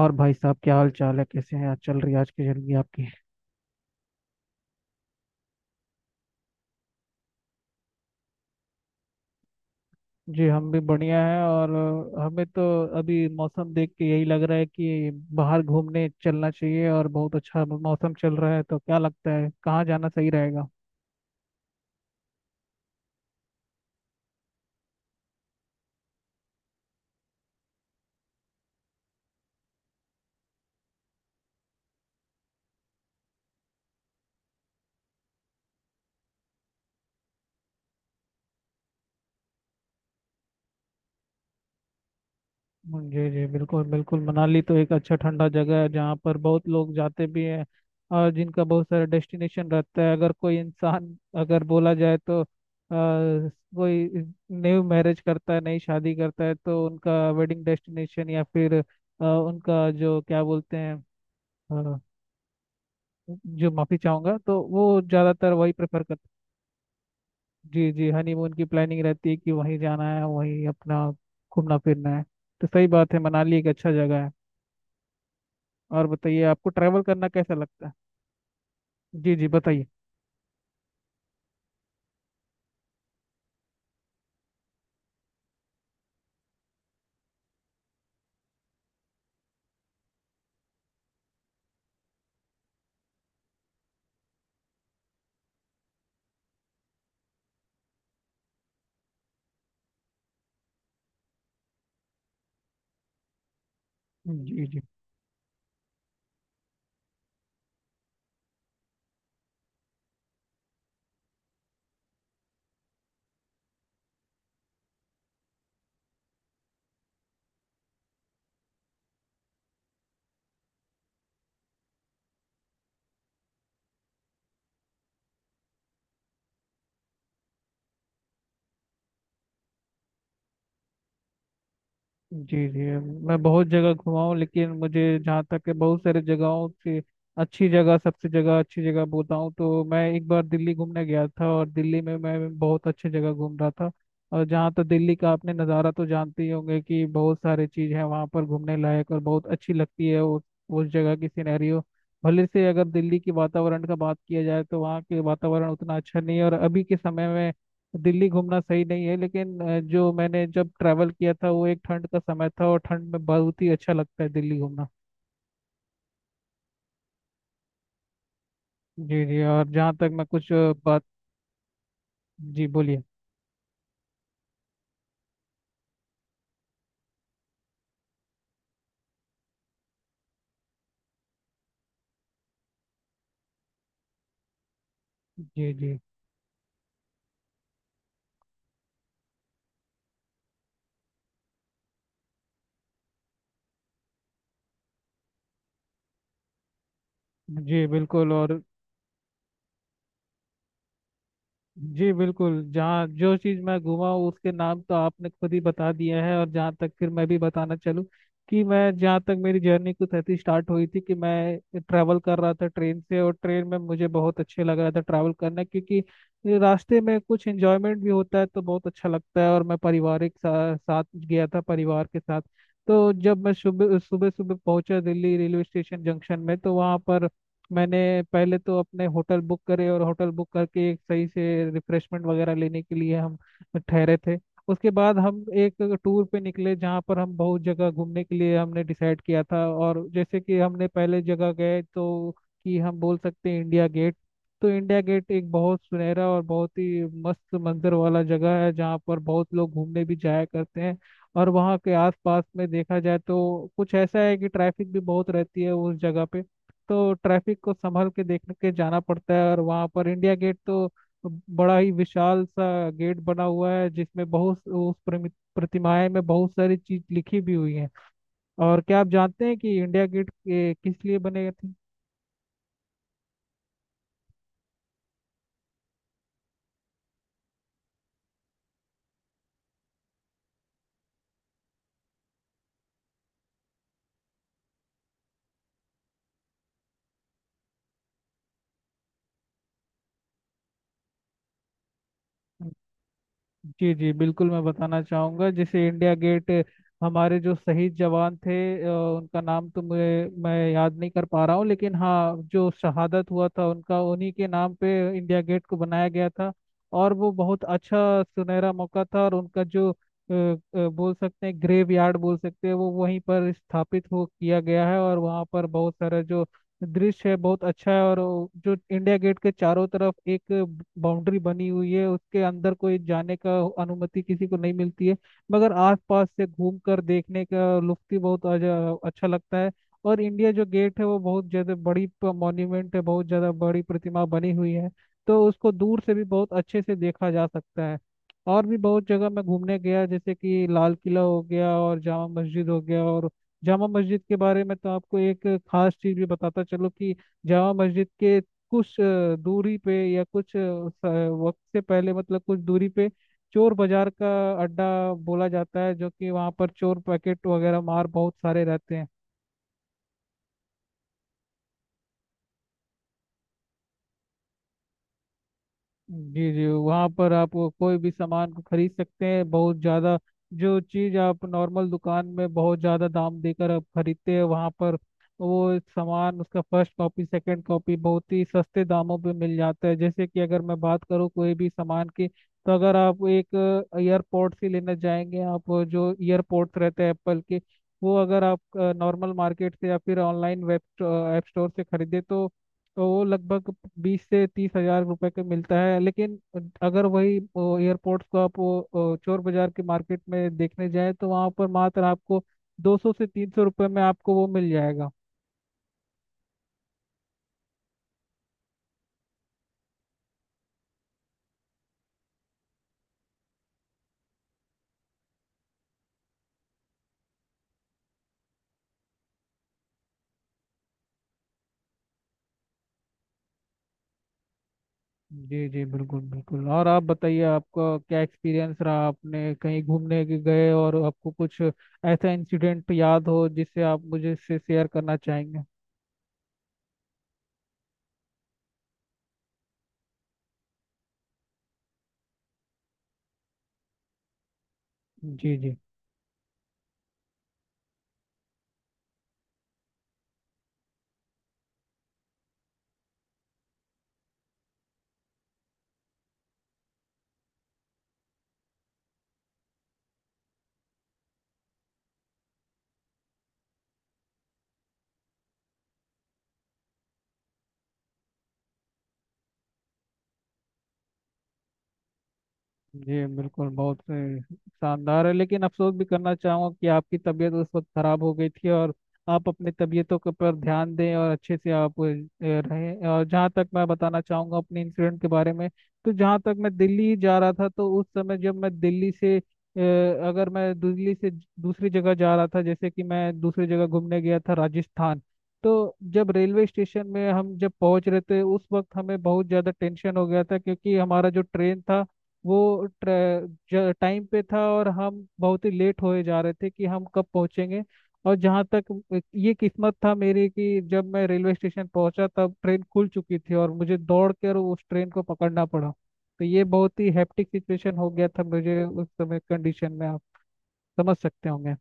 और भाई साहब, क्या हाल चाल है? कैसे हैं? आज चल रही है आज की जिंदगी आपकी? जी, हम भी बढ़िया हैं। और हमें तो अभी मौसम देख के यही लग रहा है कि बाहर घूमने चलना चाहिए, और बहुत अच्छा मौसम चल रहा है, तो क्या लगता है कहाँ जाना सही रहेगा? जी जी, बिल्कुल बिल्कुल। मनाली तो एक अच्छा ठंडा जगह है जहाँ पर बहुत लोग जाते भी हैं, और जिनका बहुत सारा डेस्टिनेशन रहता है। अगर कोई इंसान, अगर बोला जाए तो कोई न्यू मैरिज करता है, नई शादी करता है, तो उनका वेडिंग डेस्टिनेशन या फिर उनका जो क्या बोलते हैं, अ, जो माफी चाहूंगा, तो वो ज्यादातर वही प्रेफर कर— जी जी, हनीमून की प्लानिंग रहती है कि वहीं जाना है, वहीं अपना घूमना फिरना है। तो सही बात है, मनाली एक अच्छा जगह है। और बताइए, आपको ट्रैवल करना कैसा लगता है? जी जी, बताइए। जी जी, जी जी, मैं बहुत जगह घुमा हूँ, लेकिन मुझे जहाँ तक है बहुत सारे जगहों से अच्छी जगह, सबसे जगह अच्छी जगह बताऊँ तो मैं एक बार दिल्ली घूमने गया था, और दिल्ली में मैं बहुत अच्छी जगह घूम रहा था। और जहाँ तो दिल्ली का आपने नज़ारा तो जानते ही होंगे कि बहुत सारे चीज़ है वहाँ पर घूमने लायक, और बहुत अच्छी लगती है उस जगह की सिनेरियो। भले से अगर दिल्ली के वातावरण का बात किया जाए तो वहाँ के वातावरण उतना अच्छा नहीं है, और अभी के समय में दिल्ली घूमना सही नहीं है। लेकिन जो मैंने जब ट्रैवल किया था वो एक ठंड का समय था, और ठंड में बहुत ही अच्छा लगता है दिल्ली घूमना। जी जी, और जहाँ तक मैं कुछ बात— जी, बोलिए। जी जी, जी बिल्कुल, और जी बिल्कुल, जहाँ जो चीज़ मैं घूमा हूँ, उसके नाम तो आपने खुद ही बता दिया है, और जहाँ तक फिर मैं भी बताना चलूँ कि मैं, जहाँ तक मेरी जर्नी कुछ ऐसी स्टार्ट हुई थी कि मैं ट्रैवल कर रहा था ट्रेन से, और ट्रेन में मुझे बहुत अच्छे लग रहा था ट्रैवल करना, क्योंकि रास्ते में कुछ एंजॉयमेंट भी होता है, तो बहुत अच्छा लगता है। और मैं पारिवारिक साथ गया था, परिवार के साथ। तो जब मैं सुबह सुबह सुबह पहुंचा दिल्ली रेलवे स्टेशन जंक्शन में, तो वहाँ पर मैंने पहले तो अपने होटल बुक करे, और होटल बुक करके एक सही से रिफ्रेशमेंट वगैरह लेने के लिए हम ठहरे थे। उसके बाद हम एक टूर पे निकले, जहाँ पर हम बहुत जगह घूमने के लिए हमने डिसाइड किया था, और जैसे कि हमने पहले जगह गए तो, कि हम बोल सकते हैं इंडिया गेट। तो इंडिया गेट एक बहुत सुनहरा और बहुत ही मस्त मंजर वाला जगह है, जहाँ पर बहुत लोग घूमने भी जाया करते हैं। और वहाँ के आसपास में देखा जाए तो कुछ ऐसा है कि ट्रैफिक भी बहुत रहती है उस जगह पे, तो ट्रैफिक को संभल के देख के जाना पड़ता है। और वहाँ पर इंडिया गेट तो बड़ा ही विशाल सा गेट बना हुआ है, जिसमें बहुत उस प्रतिमाएं में बहुत सारी चीज लिखी भी हुई है। और क्या आप जानते हैं कि इंडिया गेट किस लिए बने थे? जी जी, बिल्कुल, मैं बताना चाहूँगा। जैसे इंडिया गेट, हमारे जो शहीद जवान थे, उनका नाम तो मुझे, मैं याद नहीं कर पा रहा हूँ, लेकिन हाँ, जो शहादत हुआ था उनका, उन्हीं के नाम पे इंडिया गेट को बनाया गया था। और वो बहुत अच्छा सुनहरा मौका था। और उनका जो बोल सकते हैं ग्रेव यार्ड बोल सकते हैं, वो वहीं पर स्थापित हो किया गया है, और वहाँ पर बहुत सारा जो दृश्य है बहुत अच्छा है। और वो जो इंडिया गेट के चारों तरफ एक बाउंड्री बनी हुई है, उसके अंदर कोई जाने का अनुमति किसी को नहीं मिलती है, मगर आसपास से घूम कर देखने का लुत्फ ही बहुत अच्छा लगता है। और इंडिया जो गेट है वो बहुत ज्यादा बड़ी मॉन्यूमेंट है, बहुत ज्यादा बड़ी प्रतिमा बनी हुई है, तो उसको दूर से भी बहुत अच्छे से देखा जा सकता है। और भी बहुत जगह मैं घूमने गया, जैसे कि लाल किला हो गया, और जामा मस्जिद हो गया, और जामा मस्जिद के बारे में तो आपको एक खास चीज भी बताता चलो, कि जामा मस्जिद के कुछ दूरी पे, या कुछ स- वक्त से पहले मतलब कुछ दूरी पे, चोर बाजार का अड्डा बोला जाता है, जो कि वहाँ पर चोर पैकेट वगैरह मार बहुत सारे रहते हैं। जी जी, वहाँ पर आप वो कोई भी सामान को खरीद सकते हैं बहुत ज़्यादा। जो चीज़ आप नॉर्मल दुकान में बहुत ज़्यादा दाम देकर आप खरीदते हैं, वहाँ पर वो सामान उसका फर्स्ट कॉपी सेकंड कॉपी बहुत ही सस्ते दामों पे मिल जाता है। जैसे कि अगर मैं बात करूँ कोई भी सामान की, तो अगर आप एक ईयरपोर्ट से लेना चाहेंगे, आप वो जो ईयरपोर्ट्स रहते हैं एप्पल के, वो अगर आप नॉर्मल मार्केट से या फिर ऑनलाइन वेब ऐप स्टोर से खरीदे, तो वो लगभग 20 से 30 हज़ार रुपए का मिलता है। लेकिन अगर वही एयरपोर्ट्स को आप वो चोर बाजार के मार्केट में देखने जाए, तो वहाँ पर मात्र आपको 200 से 300 रुपये में आपको वो मिल जाएगा। जी जी, बिल्कुल बिल्कुल। और आप बताइए, आपका क्या एक्सपीरियंस रहा? आपने कहीं घूमने के गए और आपको कुछ ऐसा इंसिडेंट याद हो जिससे आप मुझे से शेयर करना चाहेंगे? जी जी, जी बिल्कुल, बहुत शानदार है। लेकिन अफसोस भी करना चाहूँगा कि आपकी तबीयत उस वक्त खराब हो गई थी, और आप अपनी तबीयतों के ऊपर ध्यान दें और अच्छे से आप रहें। और जहाँ तक मैं बताना चाहूँगा अपने इंसिडेंट के बारे में, तो जहाँ तक मैं दिल्ली जा रहा था, तो उस समय जब मैं दिल्ली से अगर मैं दिल्ली से दूसरी जगह जा रहा था, जैसे कि मैं दूसरी जगह घूमने गया था राजस्थान, तो जब रेलवे स्टेशन में हम जब पहुंच रहे थे उस वक्त हमें बहुत ज़्यादा टेंशन हो गया था, क्योंकि हमारा जो ट्रेन था वो टाइम पे था और हम बहुत ही लेट होए जा रहे थे कि हम कब पहुंचेंगे। और जहाँ तक ये किस्मत था मेरी कि जब मैं रेलवे स्टेशन पहुंचा तब ट्रेन खुल चुकी थी, और मुझे दौड़ कर उस ट्रेन को पकड़ना पड़ा। तो ये बहुत ही हैप्टिक सिचुएशन हो गया था मुझे, उस समय कंडीशन में आप समझ सकते होंगे।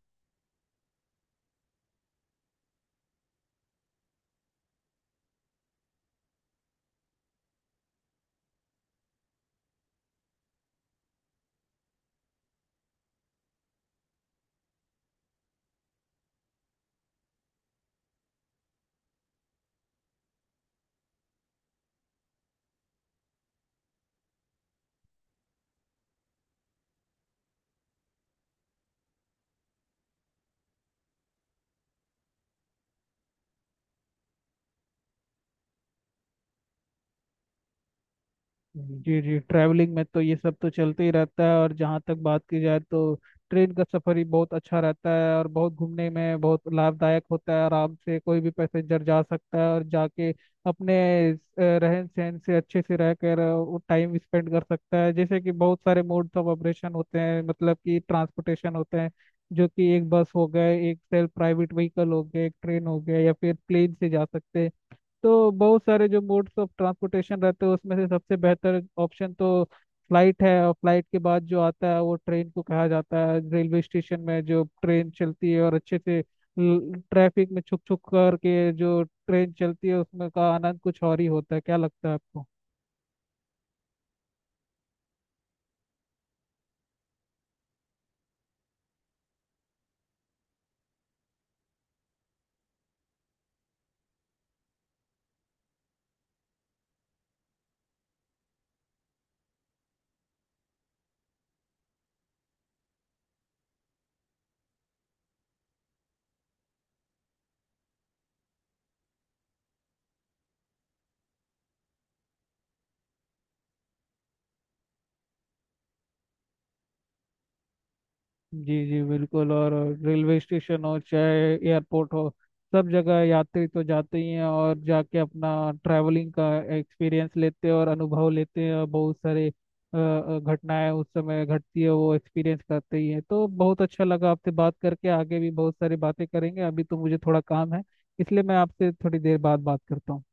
जी जी, ट्रैवलिंग में तो ये सब तो चलते ही रहता है। और जहाँ तक बात की जाए तो ट्रेन का सफर ही बहुत अच्छा रहता है, और बहुत घूमने में बहुत लाभदायक होता है, आराम से कोई भी पैसेंजर जा सकता है, और जाके अपने रहन सहन से अच्छे से रह कर वो टाइम स्पेंड कर सकता है। जैसे कि बहुत सारे मोड्स ऑफ ऑपरेशन होते हैं, मतलब कि ट्रांसपोर्टेशन होते हैं, जो कि एक बस हो गए, एक सेल्फ प्राइवेट व्हीकल हो गया, एक ट्रेन हो गया, या फिर प्लेन से जा सकते हैं। तो बहुत सारे जो मोड्स ऑफ ट्रांसपोर्टेशन रहते हैं उसमें से सबसे बेहतर ऑप्शन तो फ्लाइट है, और फ्लाइट के बाद जो आता है वो ट्रेन को कहा जाता है। रेलवे स्टेशन में जो ट्रेन चलती है, और अच्छे से ट्रैफिक में छुक छुक करके जो ट्रेन चलती है उसमें का आनंद कुछ और ही होता है। क्या लगता है आपको? जी जी, बिल्कुल। और रेलवे स्टेशन हो चाहे एयरपोर्ट हो, सब जगह यात्री तो जाते ही हैं, और जाके अपना ट्रैवलिंग का एक्सपीरियंस लेते हैं और अनुभव लेते हैं, और बहुत सारे घटनाएं उस समय घटती है, वो एक्सपीरियंस करते ही हैं। तो बहुत अच्छा लगा आपसे बात करके, आगे भी बहुत सारी बातें करेंगे, अभी तो मुझे थोड़ा काम है, इसलिए मैं आपसे थोड़ी देर बाद बात करता हूँ।